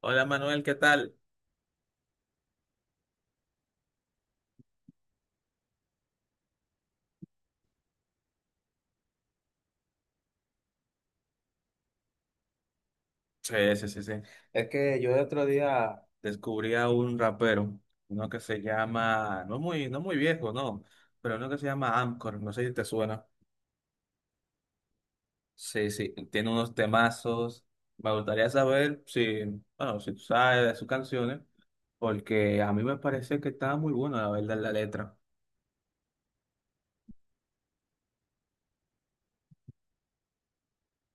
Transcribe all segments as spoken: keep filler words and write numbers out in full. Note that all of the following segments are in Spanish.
Hola Manuel, ¿qué tal? Sí, sí, sí, sí. Es que yo el otro día descubrí a un rapero, uno que se llama, no muy, no muy viejo, no, pero uno que se llama Amcor, no sé si te suena. Sí, sí, tiene unos temazos. Me gustaría saber si, bueno, si tú sabes de sus canciones, porque a mí me parece que está muy buena la verdad la letra.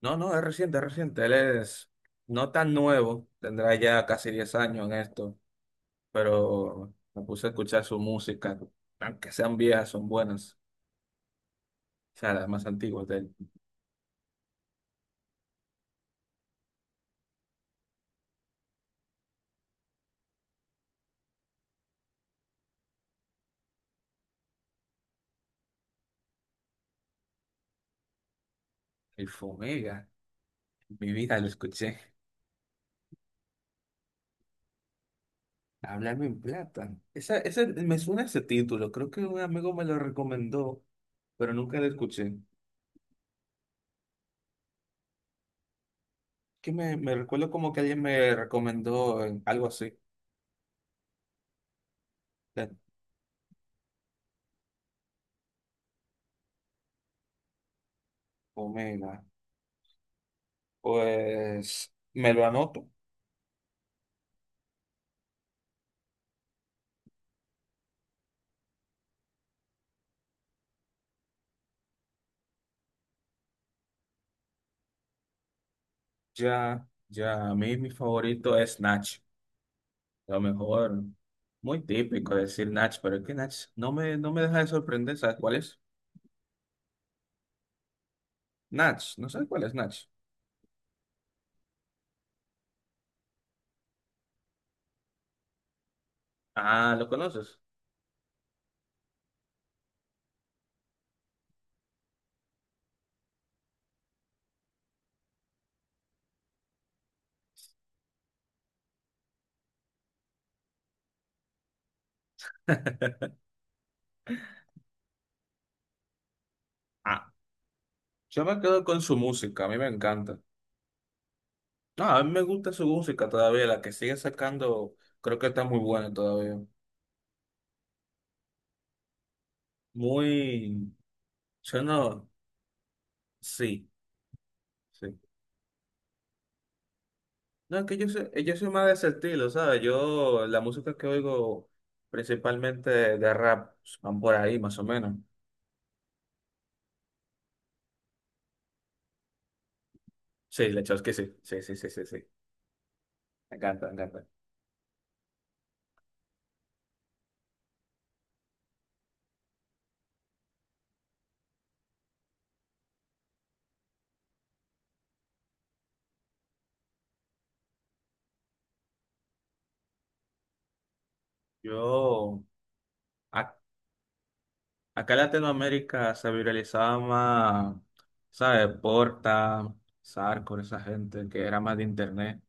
No, no, es reciente, es reciente. Él es no tan nuevo, tendrá ya casi diez años en esto, pero me puse a escuchar su música, aunque sean viejas, son buenas, o sea, las más antiguas de él. El Fomega, en mi vida lo escuché. Háblame en plata. Esa, esa, me suena ese título, creo que un amigo me lo recomendó, pero nunca lo escuché. Que me, me recuerdo como que alguien me recomendó en- algo así, de Fomega. Pues me lo anoto. Ya, ya, a mí mi favorito es Nach. Lo mejor, muy típico decir Natch, pero es que Natch no me, no me deja de sorprender, ¿sabes cuál es? Natch, no sé cuál es Natch. Ah, ¿lo conoces? Ah, yo me quedo con su música, a mí me encanta. No, a mí me gusta su música todavía, la que sigue sacando, creo que está muy buena todavía. Muy, yo no, sí, sí. No, es que yo soy, yo soy más de ese estilo, ¿sabes? Yo, la música que oigo principalmente de rap, pues, van por ahí más o menos. Sí, la que sí, sí, sí, sí, sí, sí. Me encanta, me encanta. Yo, ac- acá en Latinoamérica se viralizaba más, ¿sabes? Porta, Sarco, esa gente que era más de internet.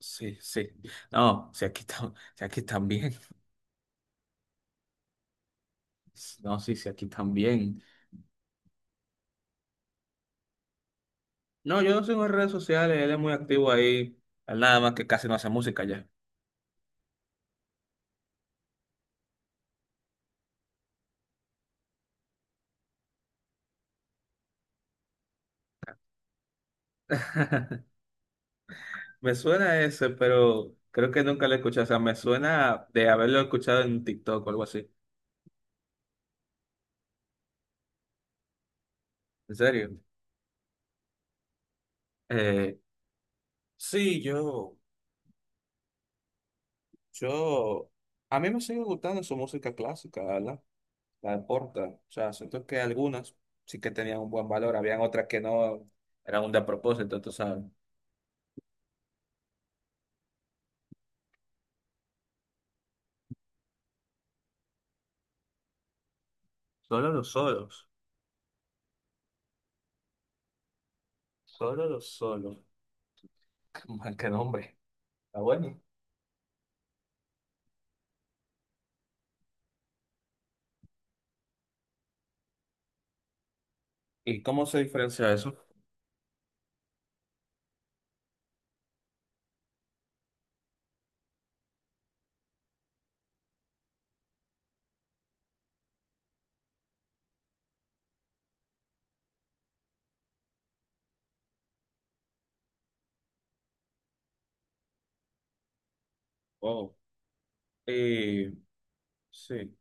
Sí, sí. No, si aquí, tam- si aquí también. No, sí, si aquí también. No, yo no sigo en redes sociales, él es muy activo ahí. Él nada más que casi no hace música ya. Me suena ese, pero creo que nunca lo he escuchado. O sea, me suena de haberlo escuchado en TikTok o algo así. ¿En serio? Eh, sí, yo. Yo, a mí me sigue gustando su música clásica, ¿verdad? La de Porta. O sea, siento que algunas sí que tenían un buen valor, habían otras que no eran un despropósito, tú sabes. Solo los solos, solo los solos. Man, qué nombre. Está bueno. ¿Y cómo se diferencia eso? Oh, y sí,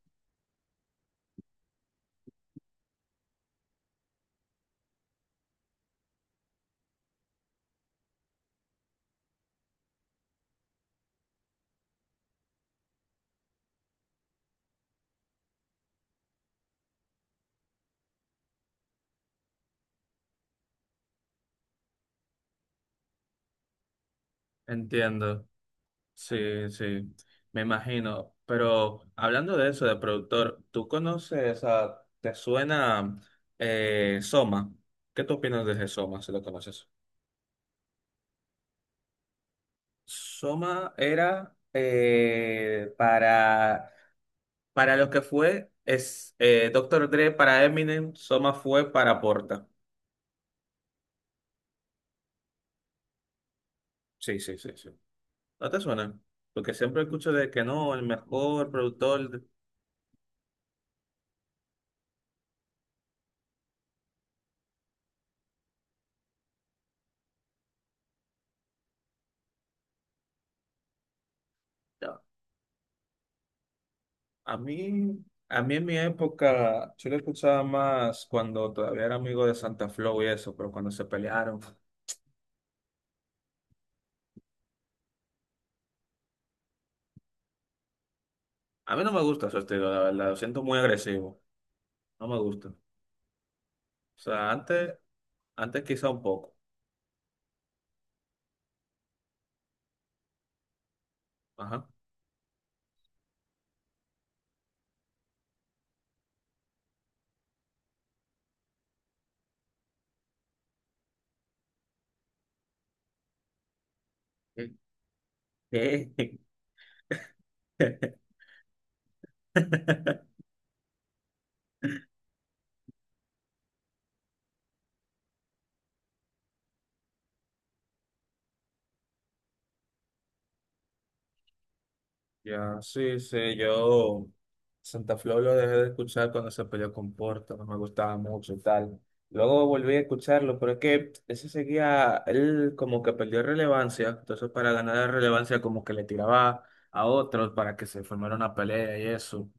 entiendo. Sí, sí, me imagino. Pero hablando de eso, de productor, ¿tú conoces a, te suena eh, Soma? ¿Qué tú opinas de ese Soma, si lo conoces? Soma era eh, para, para lo que fue es, eh, doctor Dre para Eminem, Soma fue para Porta. Sí, sí, sí, sí. ¿No te suena? Porque siempre escucho de que no, el mejor productor. A mí, a mí en mi época, yo lo escuchaba más cuando todavía era amigo de Santa Flow y eso, pero cuando se pelearon. A mí no me gusta su estilo, la verdad, lo siento muy agresivo. No me gusta. O sea, antes, antes quizá un poco. Ajá. ¿Qué? Ya, sí, sí, yo Santa Flor lo dejé de escuchar cuando se peleó con Porta, no me gustaba mucho y tal. Luego volví a escucharlo, pero es que ese seguía, él como que perdió relevancia, entonces para ganar relevancia como que le tiraba a otros para que se formara una pelea y eso.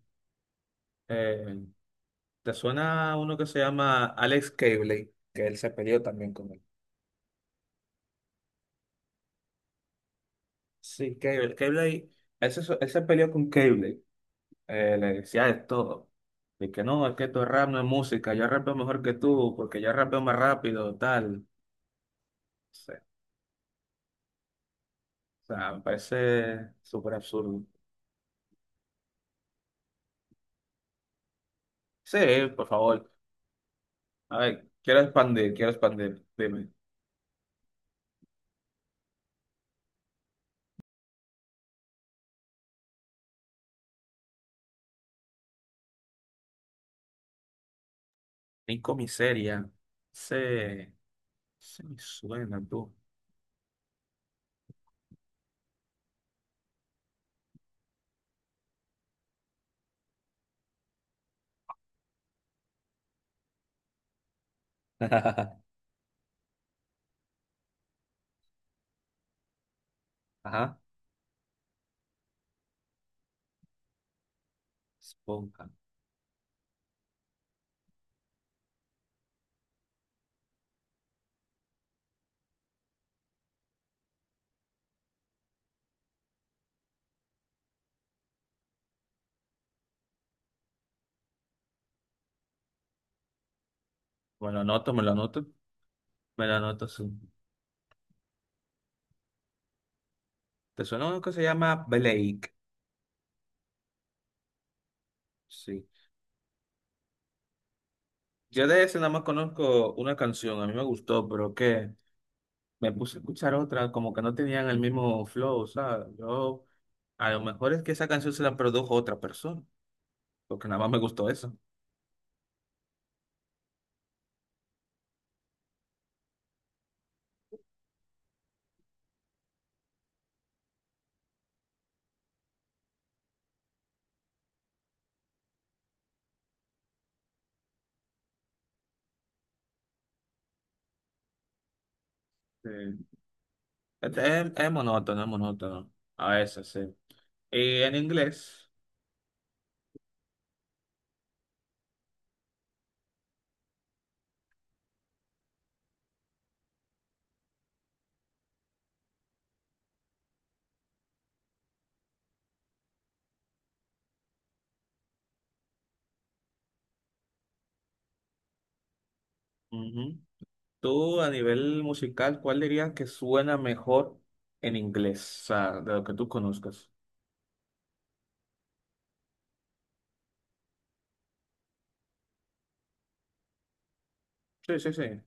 Eh, ¿Te suena uno que se llama Alex Cabley? Que él se peleó también con él. Sí, Cabley, Cabley, él se, él se peleó con Cabley. Eh, le decía de todo. De que no, es que tu rap no es música, yo rapeo mejor que tú, porque yo rapeo más rápido, tal. No. O sea, me parece súper absurdo. Sí, por favor. A ver, quiero expandir, quiero expandir. Dime. Nico Miseria. Se, se me suena, tú. Ajá. Esponja. Me lo anoto, me lo anoto. Me lo anoto, sí. ¿Te suena uno que se llama Blake? Sí. Yo de ese nada más conozco una canción, a mí me gustó, pero ¿qué? Me puse a escuchar otra, como que no tenían el mismo flow, o sea, yo, a lo mejor es que esa canción se la produjo otra persona, porque nada más me gustó eso. Sí. Es, es- es monótono, es monótono, a veces, sí. Y en inglés, ujú, tú a nivel musical, ¿cuál dirías que suena mejor en inglés? O sea, de lo que tú conozcas. Sí, sí, sí. Eh,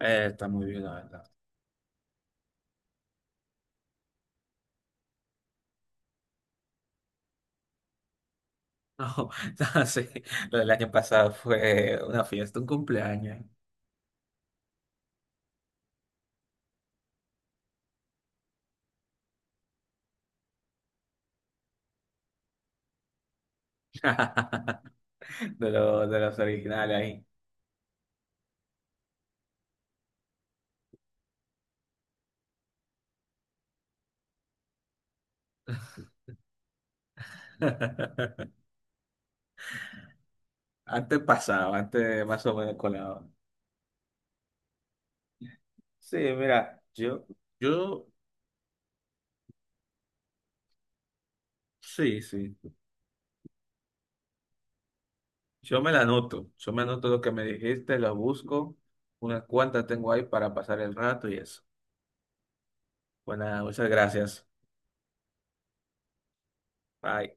Está muy bien, la verdad. No, no, sí, lo del año pasado fue una fiesta, un cumpleaños. De, lo- de los originales ahí. Antes pasaba, antes más o menos colado. Sí, mira, yo, yo, sí, sí. Yo me la anoto. Yo me anoto lo que me dijiste, lo busco. Unas cuantas tengo ahí para pasar el rato y eso. Bueno, muchas gracias. Bye.